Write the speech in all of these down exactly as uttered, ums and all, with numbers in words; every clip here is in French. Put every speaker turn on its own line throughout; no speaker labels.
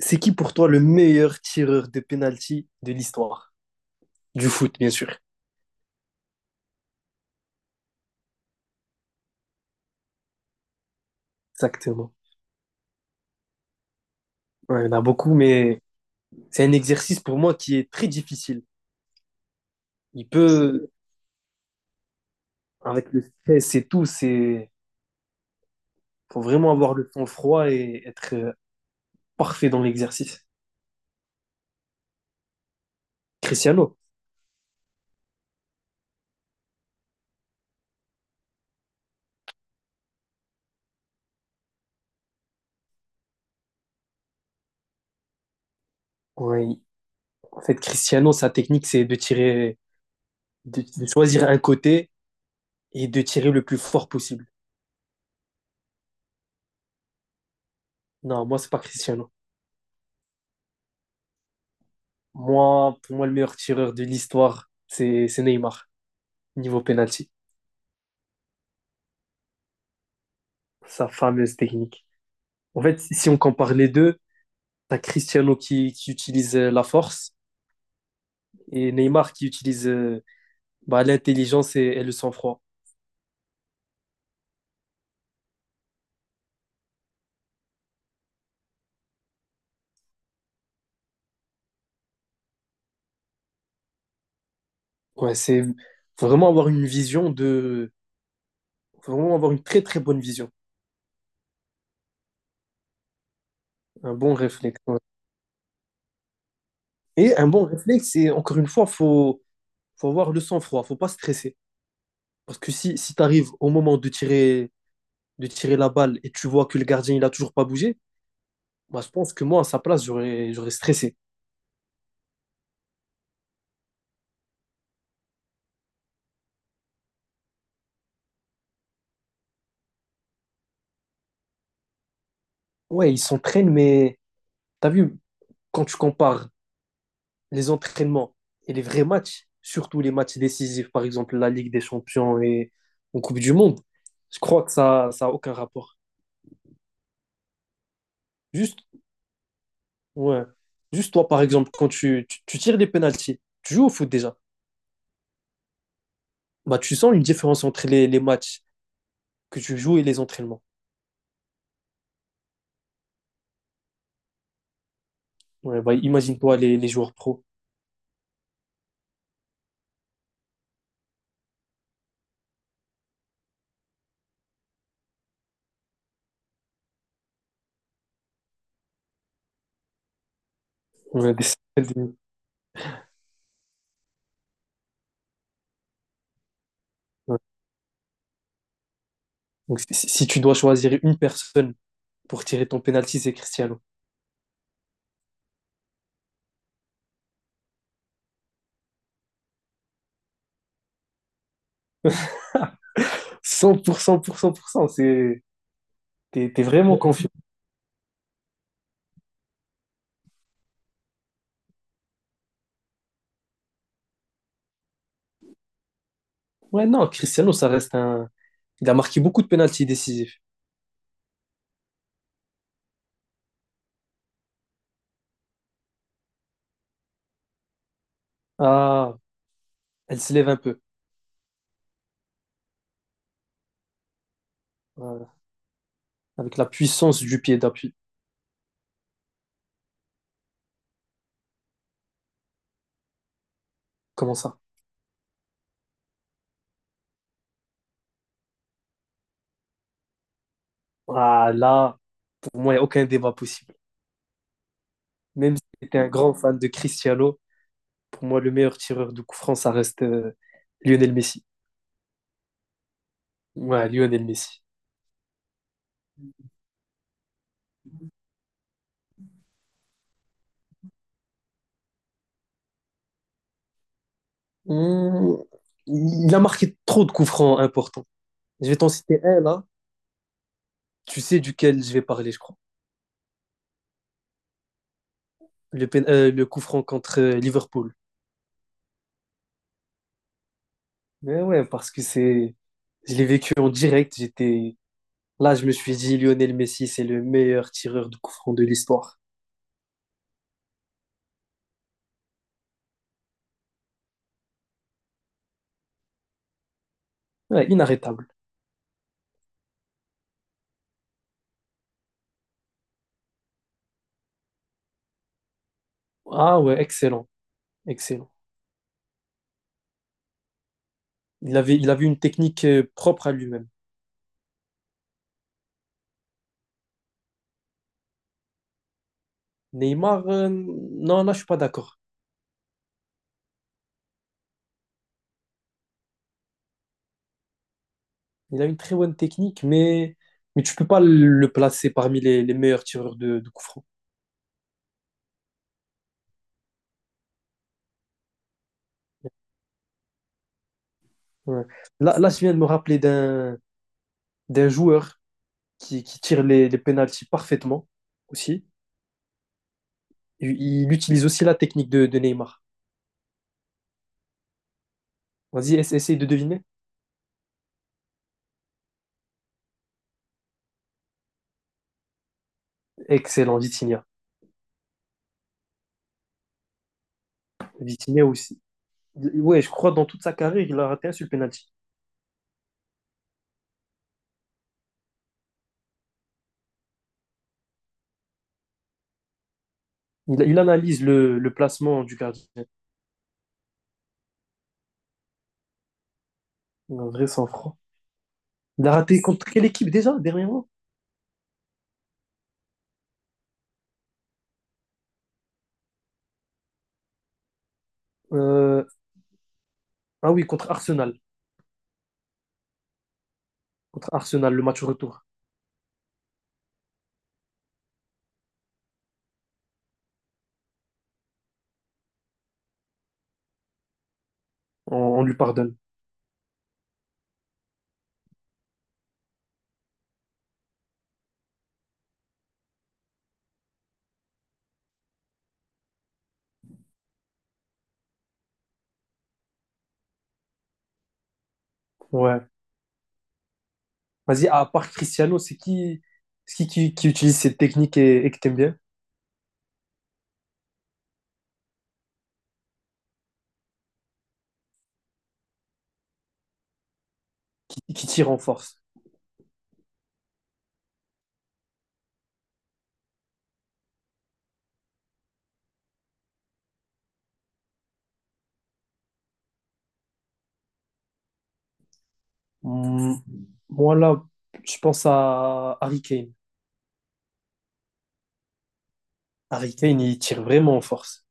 C'est qui pour toi le meilleur tireur de penalty de l'histoire? Du foot, bien sûr. Exactement. Ouais, il y en a beaucoup, mais c'est un exercice pour moi qui est très difficile. Il peut, avec le stress et tout, c'est faut vraiment avoir le sang-froid et être euh, parfait dans l'exercice. Cristiano. Ouais, il- en fait, Cristiano, sa technique, c'est de tirer, de, de choisir un côté et de tirer le plus fort possible. Non, moi, c'est pas Cristiano. Moi, pour moi, le meilleur tireur de l'histoire, c'est c'est Neymar, niveau penalty. Sa fameuse technique. En fait, si on compare les deux, t'as Cristiano qui, qui utilise euh, la force et Neymar qui utilise euh, bah, l'intelligence et, et le sang-froid. Ouais, c'est faut vraiment avoir une vision de, faut vraiment avoir une très très bonne vision, un bon réflexe. Ouais. Et un bon réflexe, c'est encore une fois, faut faut avoir le sang-froid, faut pas stresser. Parce que si, si tu arrives au moment de tirer, de tirer la balle et tu vois que le gardien il a toujours pas bougé, bah, je pense que moi à sa place j'aurais j'aurais stressé. Ouais, ils s'entraînent, mais t'as vu, quand tu compares les entraînements et les vrais matchs, surtout les matchs décisifs, par exemple la Ligue des Champions et en Coupe du Monde, je crois que ça n'a aucun rapport. Juste, ouais. Juste toi, par exemple, quand tu, tu, tu tires des pénalties, tu joues au foot déjà, bah, tu sens une différence entre les, les matchs que tu joues et les entraînements. Ouais, bah, imagine-toi les, les joueurs pros. Ouais, des- ouais. Donc, si, si- si tu dois choisir une personne pour tirer ton penalty, c'est Cristiano. Cent cent pour cent, pour cent pour cent, c'est... T'es, t'es vraiment confiant. Ouais, non, Cristiano, ça reste un. Il a marqué beaucoup de pénaltys décisifs. Ah, elle se lève un peu. Voilà. Avec la puissance du pied d'appui. Comment ça? Ah, là, pour moi, il n'y a aucun débat possible. Même si j'étais un grand fan de Cristiano, pour moi, le meilleur tireur de coup franc, ça reste euh, Lionel Messi. Ouais, Lionel Messi. Mmh, il a marqué trop de coups francs importants. Je vais t'en citer un là. Tu sais duquel je vais parler, je crois. Le, pén- euh, le coup franc contre euh, Liverpool. Mais ouais, parce que c'est, je l'ai vécu en direct. J'étais là, je me suis dit, Lionel Messi, c'est le meilleur tireur de coup franc de l'histoire. Ouais, inarrêtable. Ah ouais, excellent, excellent. Il avait, il avait une technique euh, propre à lui-même. Neymar, euh, non, là, je suis pas d'accord. Il a une très bonne technique, mais, mais tu peux pas le placer parmi les, les meilleurs tireurs de, de coup franc. Ouais. Là, là, je viens de me rappeler d'un d'un joueur qui, qui tire les, les pénaltys parfaitement aussi. Il, il utilise aussi la technique de, de Neymar. Vas-y, ess- essaye de deviner. Excellent, Vitinha. Vitinha aussi. Il- Ouais, je crois dans toute sa carrière, il a raté un sur le penalty. Il, il analyse le, le placement du gardien. Un vrai sang-froid. Il a raté contre quelle équipe déjà, dernièrement? Euh, ah oui, contre Arsenal. Contre Arsenal, le match retour. On, on lui pardonne. Ouais. Vas-y, à part Cristiano, c'est qui, c'est qui, qui, qui utilise cette technique et, et que t'aimes bien? Qui, qui tire en force? Hmm, moi, là, je pense à Harry Kane. Harry Kane, il tire vraiment en force.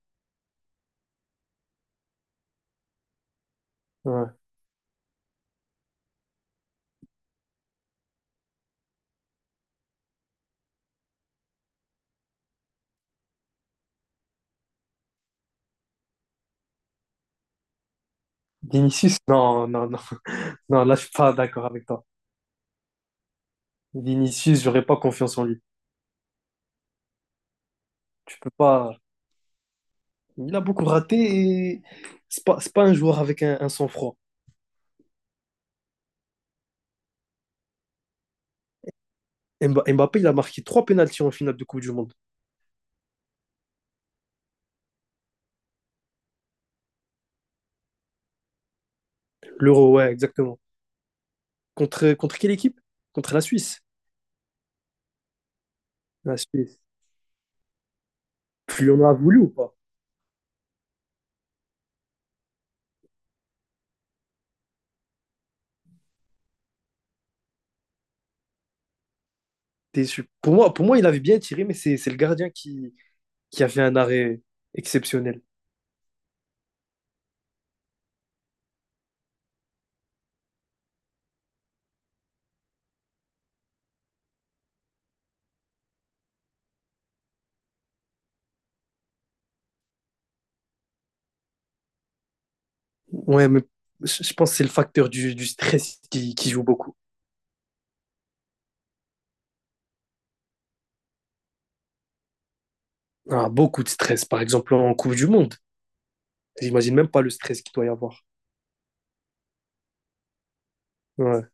Ouais. Vinicius, non, non, non. Non, là, je suis pas d'accord avec toi. Vinicius, j'aurais pas confiance en lui. Tu peux pas. Il a beaucoup raté et c'est pas, c'est pas un joueur avec un, un sang-froid. Mba- Mbappé, il a marqué trois pénaltys en finale de Coupe du Monde. L'Euro, ouais, exactement. Contre, contre quelle équipe? Contre la Suisse. La Suisse. Tu lui en voulu ou pas? T'es Pour moi, pour moi, il avait bien tiré, mais c'est c'est le gardien qui, qui a fait un arrêt exceptionnel. Ouais, mais je je pense que c'est le facteur du, du stress qui, qui joue beaucoup. Ah, beaucoup de stress, par exemple en Coupe du Monde. J'imagine même pas le stress qu'il doit y avoir. Ouais.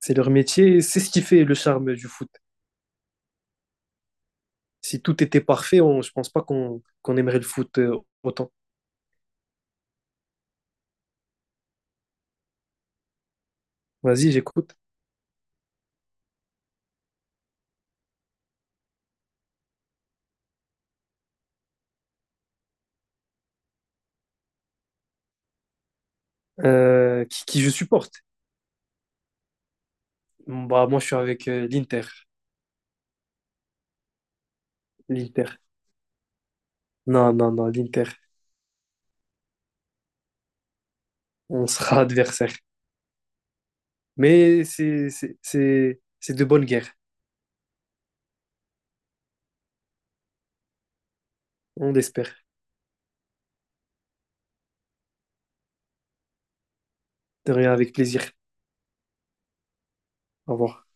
C'est leur métier, c'est ce qui fait le charme du foot. Si tout était parfait, on, je pense pas qu'on qu'on aimerait le foot euh, autant. Vas-y, j'écoute. Euh, qui, qui je supporte? Bah, moi, je suis avec euh, l'Inter. L'Inter. Non, non, non, l'Inter. On sera adversaire. Mais c'est c'est- c'est- c'est de bonnes guerres. On l'espère. De rien, avec plaisir. Au revoir.